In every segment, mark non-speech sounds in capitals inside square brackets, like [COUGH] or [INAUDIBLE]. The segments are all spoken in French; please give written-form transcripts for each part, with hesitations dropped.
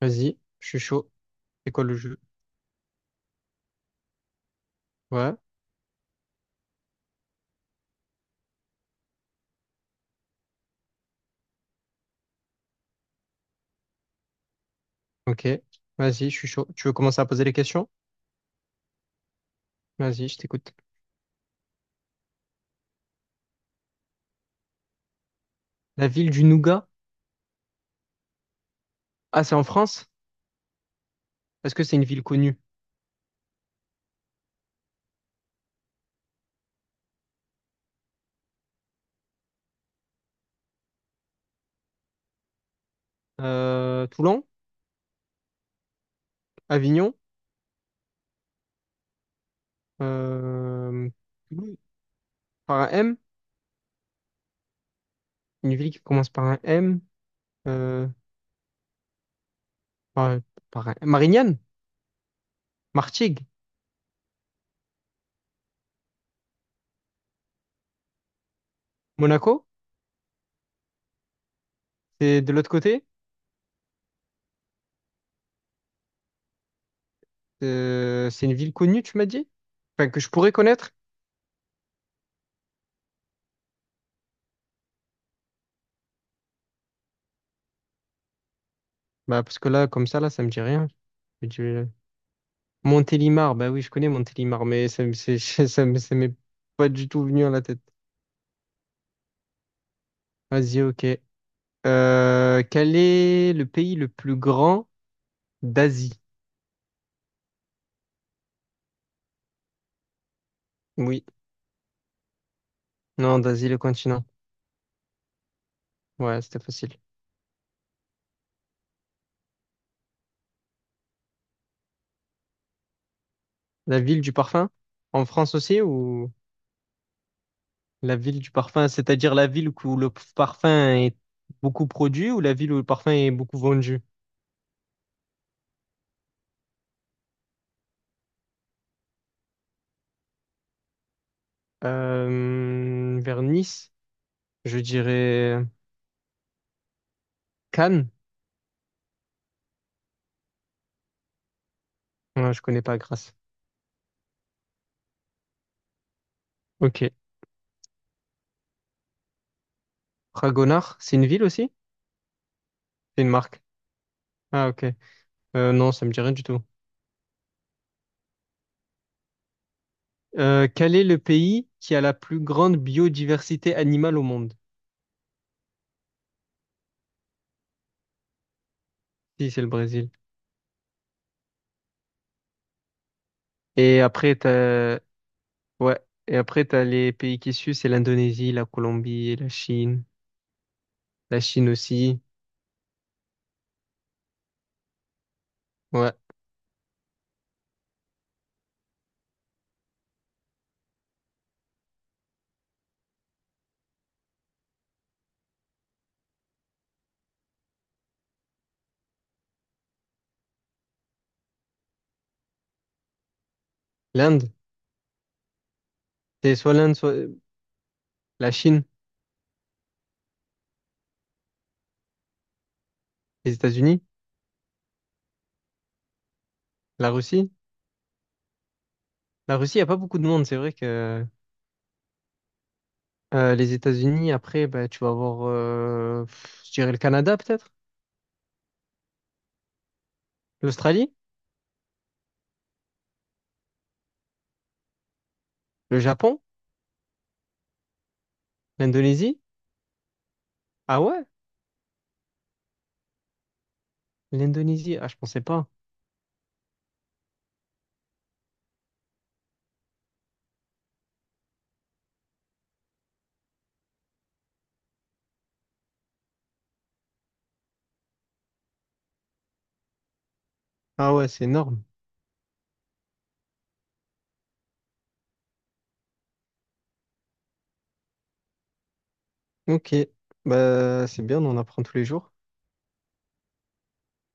Vas-y, je suis chaud. C'est quoi le jeu? Ouais, ok. Vas-y, je suis chaud. Tu veux commencer à poser les questions? Vas-y, je t'écoute. La ville du Nougat? Ah, c'est en France? Est-ce que c'est une ville connue? Toulon? Avignon? Euh, Toulouse. Par un M? Une ville qui commence par un M? Euh, par, Marignane? Martigues? Monaco? C'est de l'autre côté? C'est une ville connue, tu m'as dit? Enfin, que je pourrais connaître? Bah, parce que là, comme ça, là, ça me dit rien. Je dis- Montélimar, bah oui, je connais Montélimar, mais c'est- [LAUGHS] ça m'est pas du tout venu à la tête. Vas-y, ok. Quel est le pays le plus grand d'Asie? Oui, non, d'Asie, le continent. Ouais, c'était facile. La ville du parfum? En France aussi, ou la ville du parfum, c'est-à-dire la ville où le parfum est beaucoup produit, ou la ville où le parfum est beaucoup vendu? Vers Nice, je dirais Cannes. Non, je connais pas Grasse. Ok. Fragonard, c'est une ville aussi? C'est une marque. Ah, ok. Non, ça me dit rien du tout. Quel est le pays qui a la plus grande biodiversité animale au monde? Si, c'est le Brésil. Et après, t'as... Ouais. Et après, t'as les pays qui suivent, c'est l'Indonésie, la Colombie, la Chine. La Chine aussi. Ouais. L'Inde. C'est soit l'Inde, soit la Chine, les États-Unis, la Russie. La Russie, il n'y a pas beaucoup de monde. C'est vrai que les États-Unis, après, bah, tu vas avoir, je dirais, le Canada peut-être, l'Australie, le Japon, l'Indonésie. Ah ouais? L'Indonésie, ah, je pensais pas. Ah ouais, c'est énorme. Ok, bah, c'est bien, on en apprend tous les jours.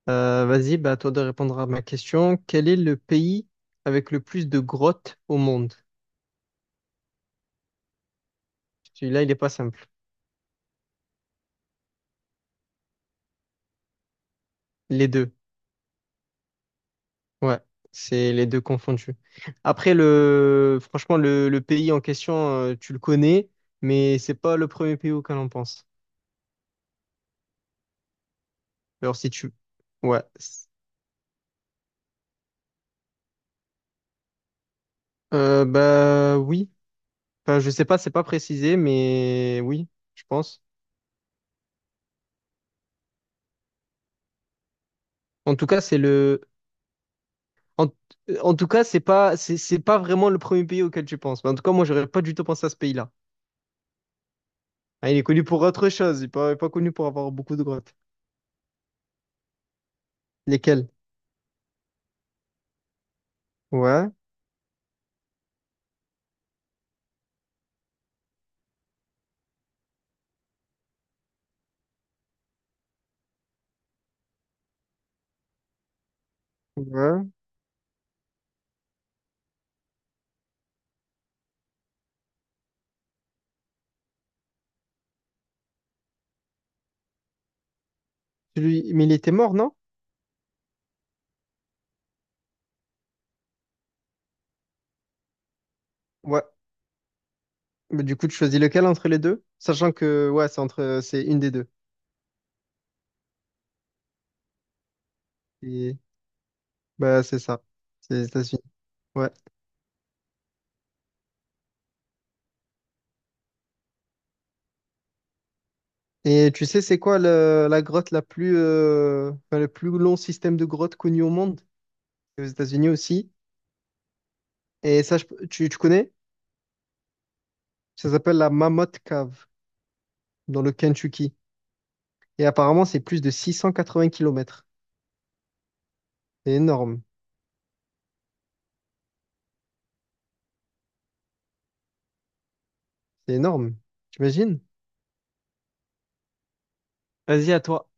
Vas-y, bah, à toi de répondre à ma question. Quel est le pays avec le plus de grottes au monde? Celui-là, il est pas simple. Les deux. Ouais, c'est les deux confondus. Après, le... franchement, le pays en question, tu le connais, mais c'est pas le premier pays auquel on pense. Alors, si tu... Ouais. Bah oui. Enfin, je sais pas, c'est pas précisé, mais oui, je pense. En tout cas, c'est le. En, en tout cas, c'est pas vraiment le premier pays auquel tu penses. Mais en tout cas, moi, j'aurais pas du tout pensé à ce pays-là. Ah, il est connu pour autre chose. Il n'est pas, pas connu pour avoir beaucoup de grottes. Lesquelles? Ouais, ouais. Celui- Mais il était mort, non? Ouais. Mais du coup, tu choisis lequel entre les deux? Sachant que, ouais, c'est une des deux. Et, bah, c'est ça. C'est les États-Unis. Ouais. Et tu sais, c'est quoi la grotte la plus, enfin, le plus long système de grottes connu au monde? C'est aux États-Unis aussi. Et ça, tu connais? Ça s'appelle la Mammoth Cave, dans le Kentucky. Et apparemment, c'est plus de 680 kilomètres. C'est énorme. C'est énorme. T'imagines? Vas-y, à toi.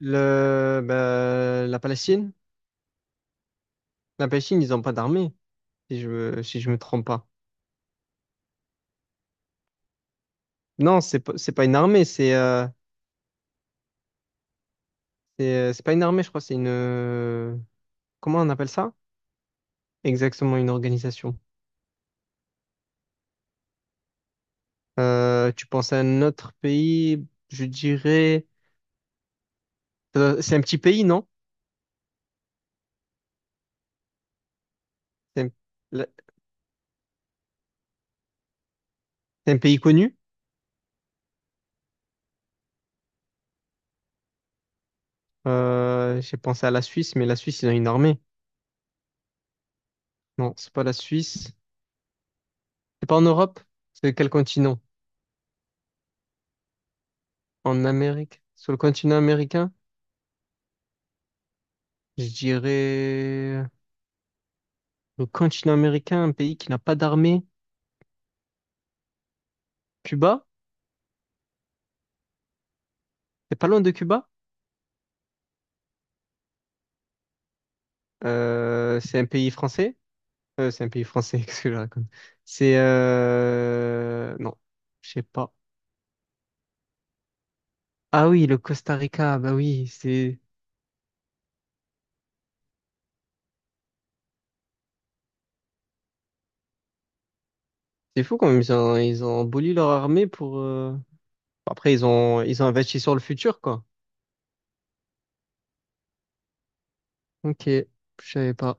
Le, bah, la Palestine? La Palestine, ils n'ont pas d'armée, si je me trompe pas. Non, c'est pas une armée, c'est pas une armée, je crois, c'est une... comment on appelle ça? Exactement, une organisation. Tu penses à un autre pays, je dirais... c'est un petit pays, non? C'est un, la- c'est un pays connu? J'ai pensé à la Suisse, mais la Suisse, ils ont une armée. Non, c'est pas la Suisse. C'est pas en Europe? C'est quel continent? En Amérique? Sur le continent américain? Je dirais le continent américain, un pays qui n'a pas d'armée. Cuba? C'est pas loin de Cuba? C'est un pays français? C'est un pays français, [LAUGHS] qu'est-ce que je raconte? C'est Non, je sais pas. Ah oui, le Costa Rica, bah oui, c'est fou quand même, ils ont aboli leur armée pour... après, ils ont investi sur le futur, quoi. Ok, je savais pas.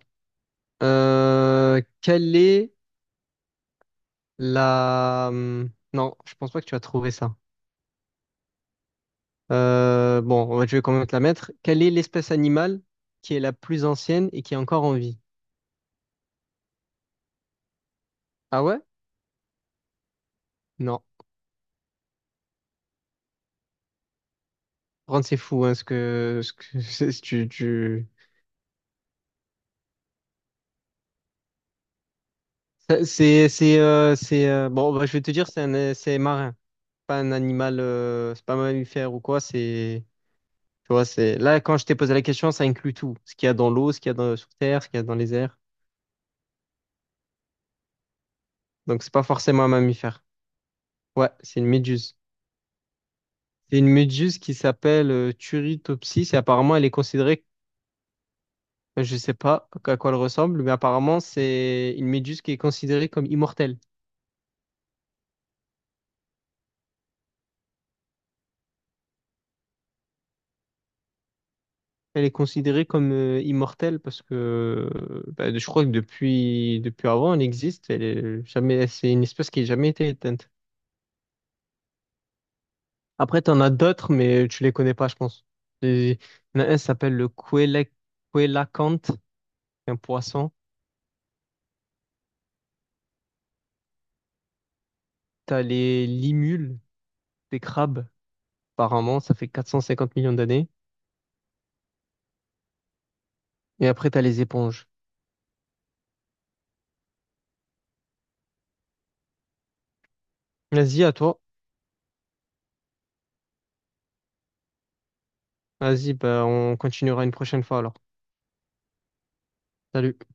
Quelle est la... non, je pense pas que tu as trouvé ça. Bon, je vais quand même te la mettre. Quelle est l'espèce animale qui est la plus ancienne et qui est encore en vie? Ah ouais? Non. Ron, c'est fou, hein, ce que... Ce que... [LAUGHS] c'est- Tu... Ça, c'est... c'est, bon, bah, je vais te dire, c'est un... c'est marin. Pas un animal... c'est pas un mammifère ou quoi, c'est... Tu vois, c'est... Là, quand je t'ai posé la question, ça inclut tout. Ce qu'il y a dans l'eau, ce qu'il y a dans... sur Terre, ce qu'il y a dans les airs. Donc, c'est pas forcément un mammifère. Ouais, c'est une méduse. C'est une méduse qui s'appelle Turritopsis, et apparemment, elle est considérée, je sais pas à quoi elle ressemble, mais apparemment, c'est une méduse qui est considérée comme immortelle. Elle est considérée comme immortelle parce que bah, je crois que depuis avant, elle existe. Elle est jamais, c'est une espèce qui n'a jamais été éteinte. Après, tu en as d'autres, mais tu les connais pas, je pense. Et il y en a un qui s'appelle le coélacanthe, un poisson. Tu as les limules, des crabes. Par an, ça fait 450 millions d'années. Et après, t'as les éponges. Vas-y, à toi. Vas-y, bah, on continuera une prochaine fois alors. Salut.